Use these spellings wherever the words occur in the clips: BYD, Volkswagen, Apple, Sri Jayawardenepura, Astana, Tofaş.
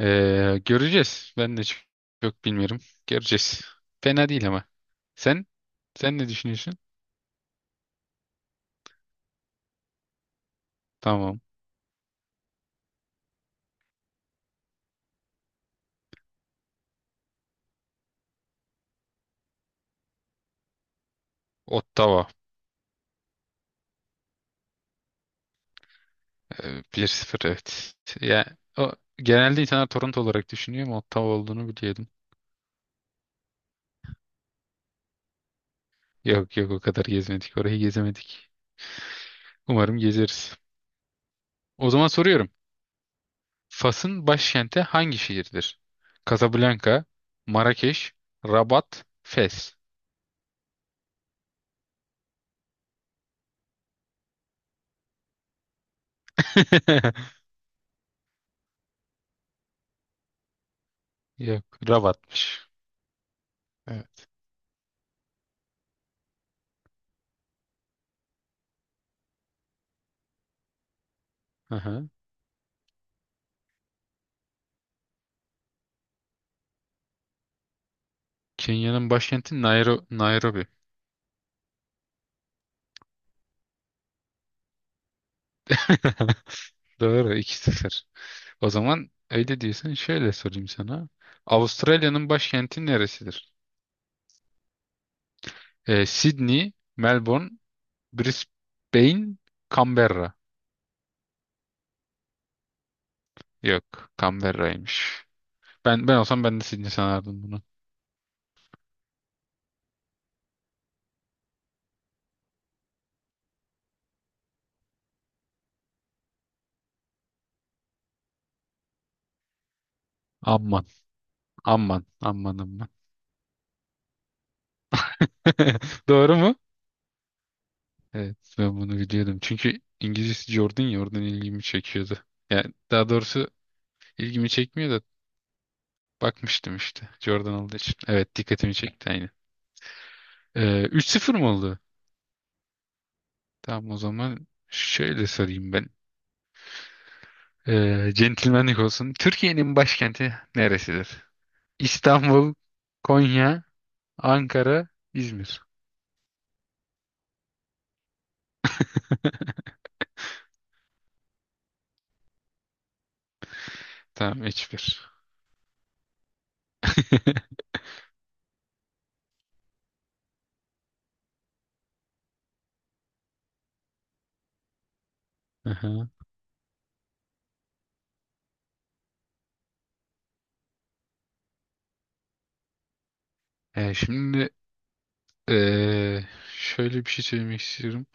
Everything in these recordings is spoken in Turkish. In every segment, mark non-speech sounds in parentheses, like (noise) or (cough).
Göreceğiz. Ben de çok bilmiyorum. Göreceğiz. Fena değil ama. Sen? Sen ne düşünüyorsun? Tamam. Ottawa. 1-0, evet. Ya, o, genelde insanlar Toronto olarak düşünüyor ama Ottawa olduğunu biliyordum. Yok yok, o kadar gezmedik. Orayı gezemedik. Umarım gezeriz. O zaman soruyorum. Fas'ın başkenti hangi şehirdir? Casablanca, Marrakeş, Rabat, Fes. (laughs) Yok, Rabat'mış. Evet. Aha. Kenya'nın başkenti Nairo Nairobi. (laughs) Doğru, 2-0. O zaman öyle diyorsan şöyle sorayım sana. Avustralya'nın başkenti neresidir? Sydney, Melbourne, Brisbane, Canberra. Yok, Canberra'ymış. Ben olsam ben de Sydney sanardım bunu. Amman, amman, amman, amman. (laughs) Doğru mu? Evet, ben bunu biliyordum. Çünkü İngilizcesi Jordan ya, oradan ilgimi çekiyordu. Yani daha doğrusu ilgimi çekmiyor da bakmıştım işte. Jordan olduğu için. Evet, dikkatimi çekti aynı. 3-0 mı oldu? Tamam, o zaman şöyle sorayım ben. Centilmenlik olsun. Türkiye'nin başkenti neresidir? İstanbul, Konya, Ankara, İzmir. (laughs) Tamam, hiçbir. (laughs) Aha. Şimdi ee, şöyle bir şey söylemek istiyorum.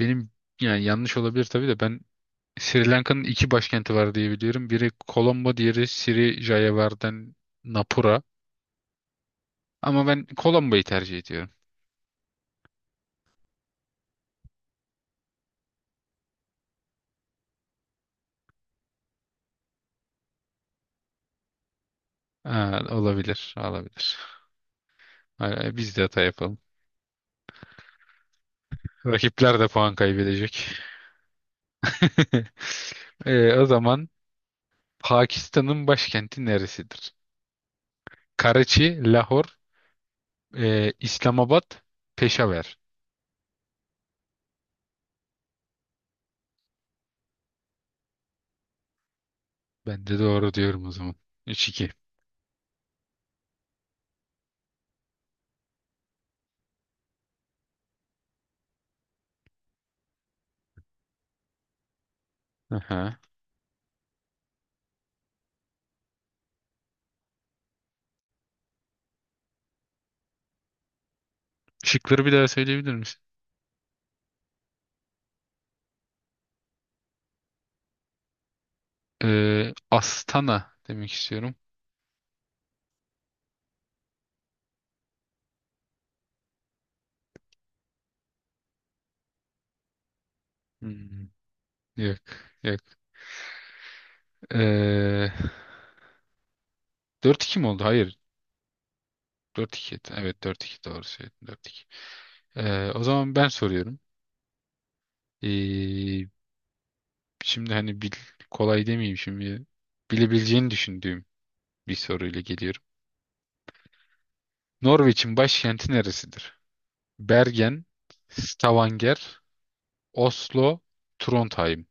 Benim, yani yanlış olabilir tabii de ben, Sri Lanka'nın iki başkenti var diye biliyorum. Biri Colombo, diğeri Sri Jayawardenepura. Napura. Ama ben Colombo'yu tercih ediyorum. Ha, olabilir, olabilir. Ha, biz de hata yapalım. Rakipler de puan kaybedecek. (laughs) O zaman Pakistan'ın başkenti neresidir? Karachi, Lahor, e, İslamabad, Peşaver. Ben de doğru diyorum o zaman. Üç iki. Aha. Şıkları bir daha söyleyebilir misin? Astana demek istiyorum. Hmm. Yok. Yok. Ee, 4-2 mi oldu? Hayır. Dört iki. Evet, dört iki, doğru söyledin. Dört iki. O zaman ben soruyorum. Ee, Şimdi hani bil, kolay demeyeyim şimdi. Bilebileceğini düşündüğüm bir soruyla geliyorum. Norveç'in başkenti neresidir? Bergen, Stavanger, Oslo, Trondheim.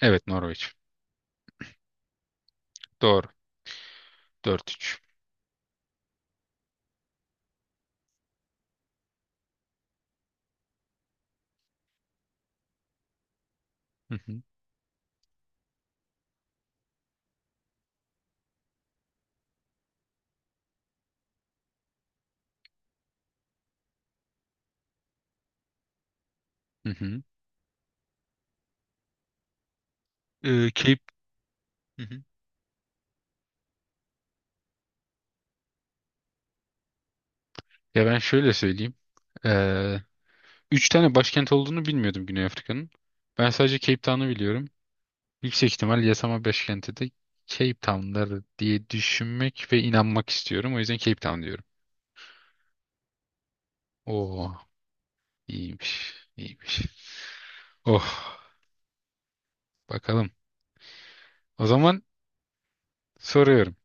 Evet, Norveç. Doğru. Dört üç. Hı hı. Hı hı. Cape... Hı hı. Ya ben şöyle söyleyeyim. Üç tane başkent olduğunu bilmiyordum Güney Afrika'nın. Ben sadece Cape Town'u biliyorum. Yüksek ihtimal yasama başkenti de Cape Town'dır diye düşünmek ve inanmak istiyorum. O yüzden Cape Town diyorum. Oo, iyiymiş, iyiymiş. Oh, bakalım. O zaman soruyorum.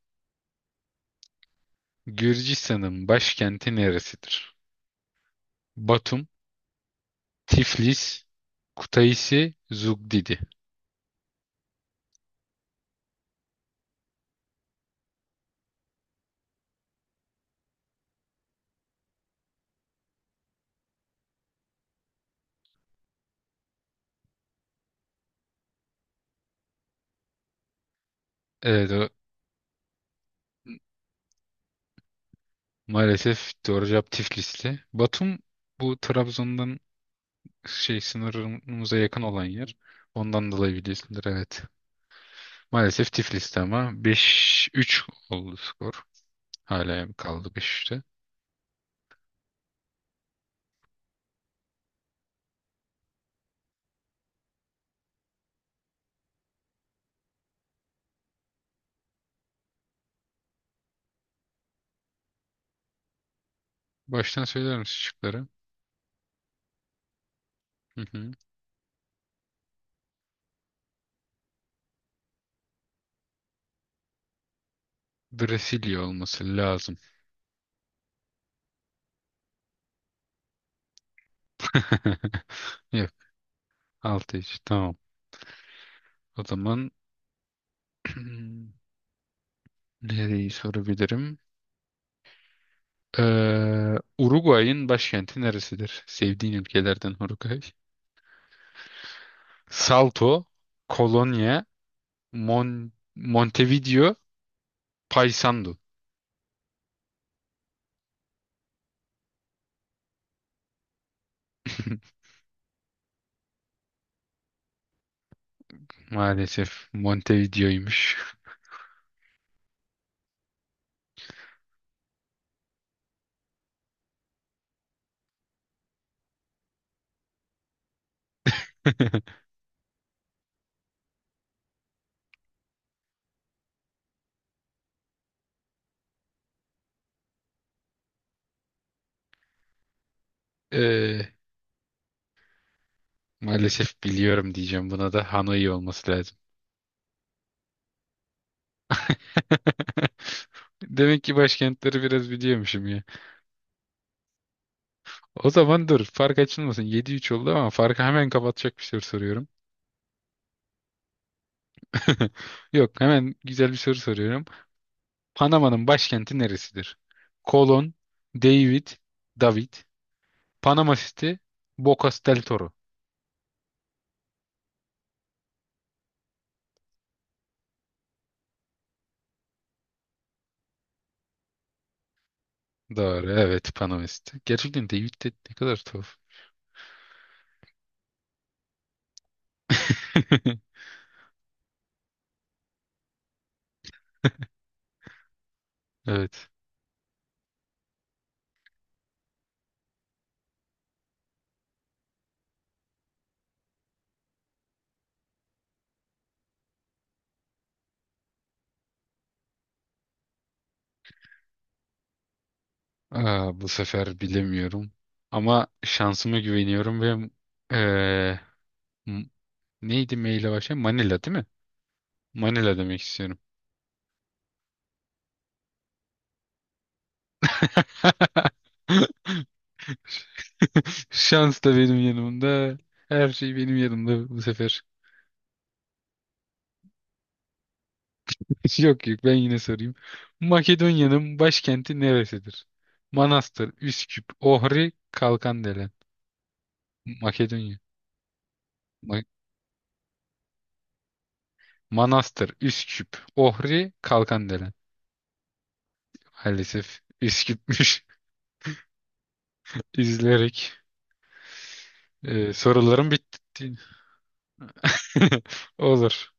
Gürcistan'ın başkenti neresidir? Batum, Tiflis, Kutaisi, Zugdidi. Evet, o maalesef doğru cevap Tiflis'ti. Batum, bu Trabzon'dan şey sınırımıza yakın olan yer. Ondan dolayı biliyorsundur, evet. Maalesef Tiflis'te, ama 5-3 oldu skor. Hala kaldı 5-3'te. Baştan söyler misin şıkları? Hı hı. Brezilya olması lazım. (laughs) Yok, 6-3, tamam. O zaman (clears throat) nereyi sorabilirim? Ee, Uruguay'ın başkenti neresidir? Sevdiğin ülkelerden Uruguay. Salto, Kolonya, Montevideo, Paysandu. (laughs) Maalesef Montevideo'ymuş. (laughs) Ee, Maalesef biliyorum diyeceğim, buna da Hanoi olması lazım. (laughs) Demek ki başkentleri biraz biliyormuşum ya. O zaman dur, fark açılmasın. Yedi üç oldu, ama farkı hemen kapatacak bir soru soruyorum. (laughs) Yok, hemen güzel bir soru soruyorum. Panama'nın başkenti neresidir? Kolon, David, David, Panama City, Bocas del Toro. Doğru, evet, Panama City. Gerçekten David de ne kadar tuhaf. (laughs) Evet. Aa, bu sefer bilemiyorum. Ama şansıma güveniyorum ve eee, m- neydi maille başlayan? Manila değil mi? Manila demek istiyorum. (laughs) Şans da benim yanımda. Her şey benim yanımda bu sefer. (laughs) Yok yok, ben yine sorayım. Makedonya'nın başkenti neresidir? Manastır, Üsküp, Ohri, Kalkandelen. Makedonya. Ma- Manastır, Üsküp, Ohri, Kalkandelen. Maalesef iş gitmiş. (laughs) İzleyerek e, sorularım bitti. (laughs) Olur.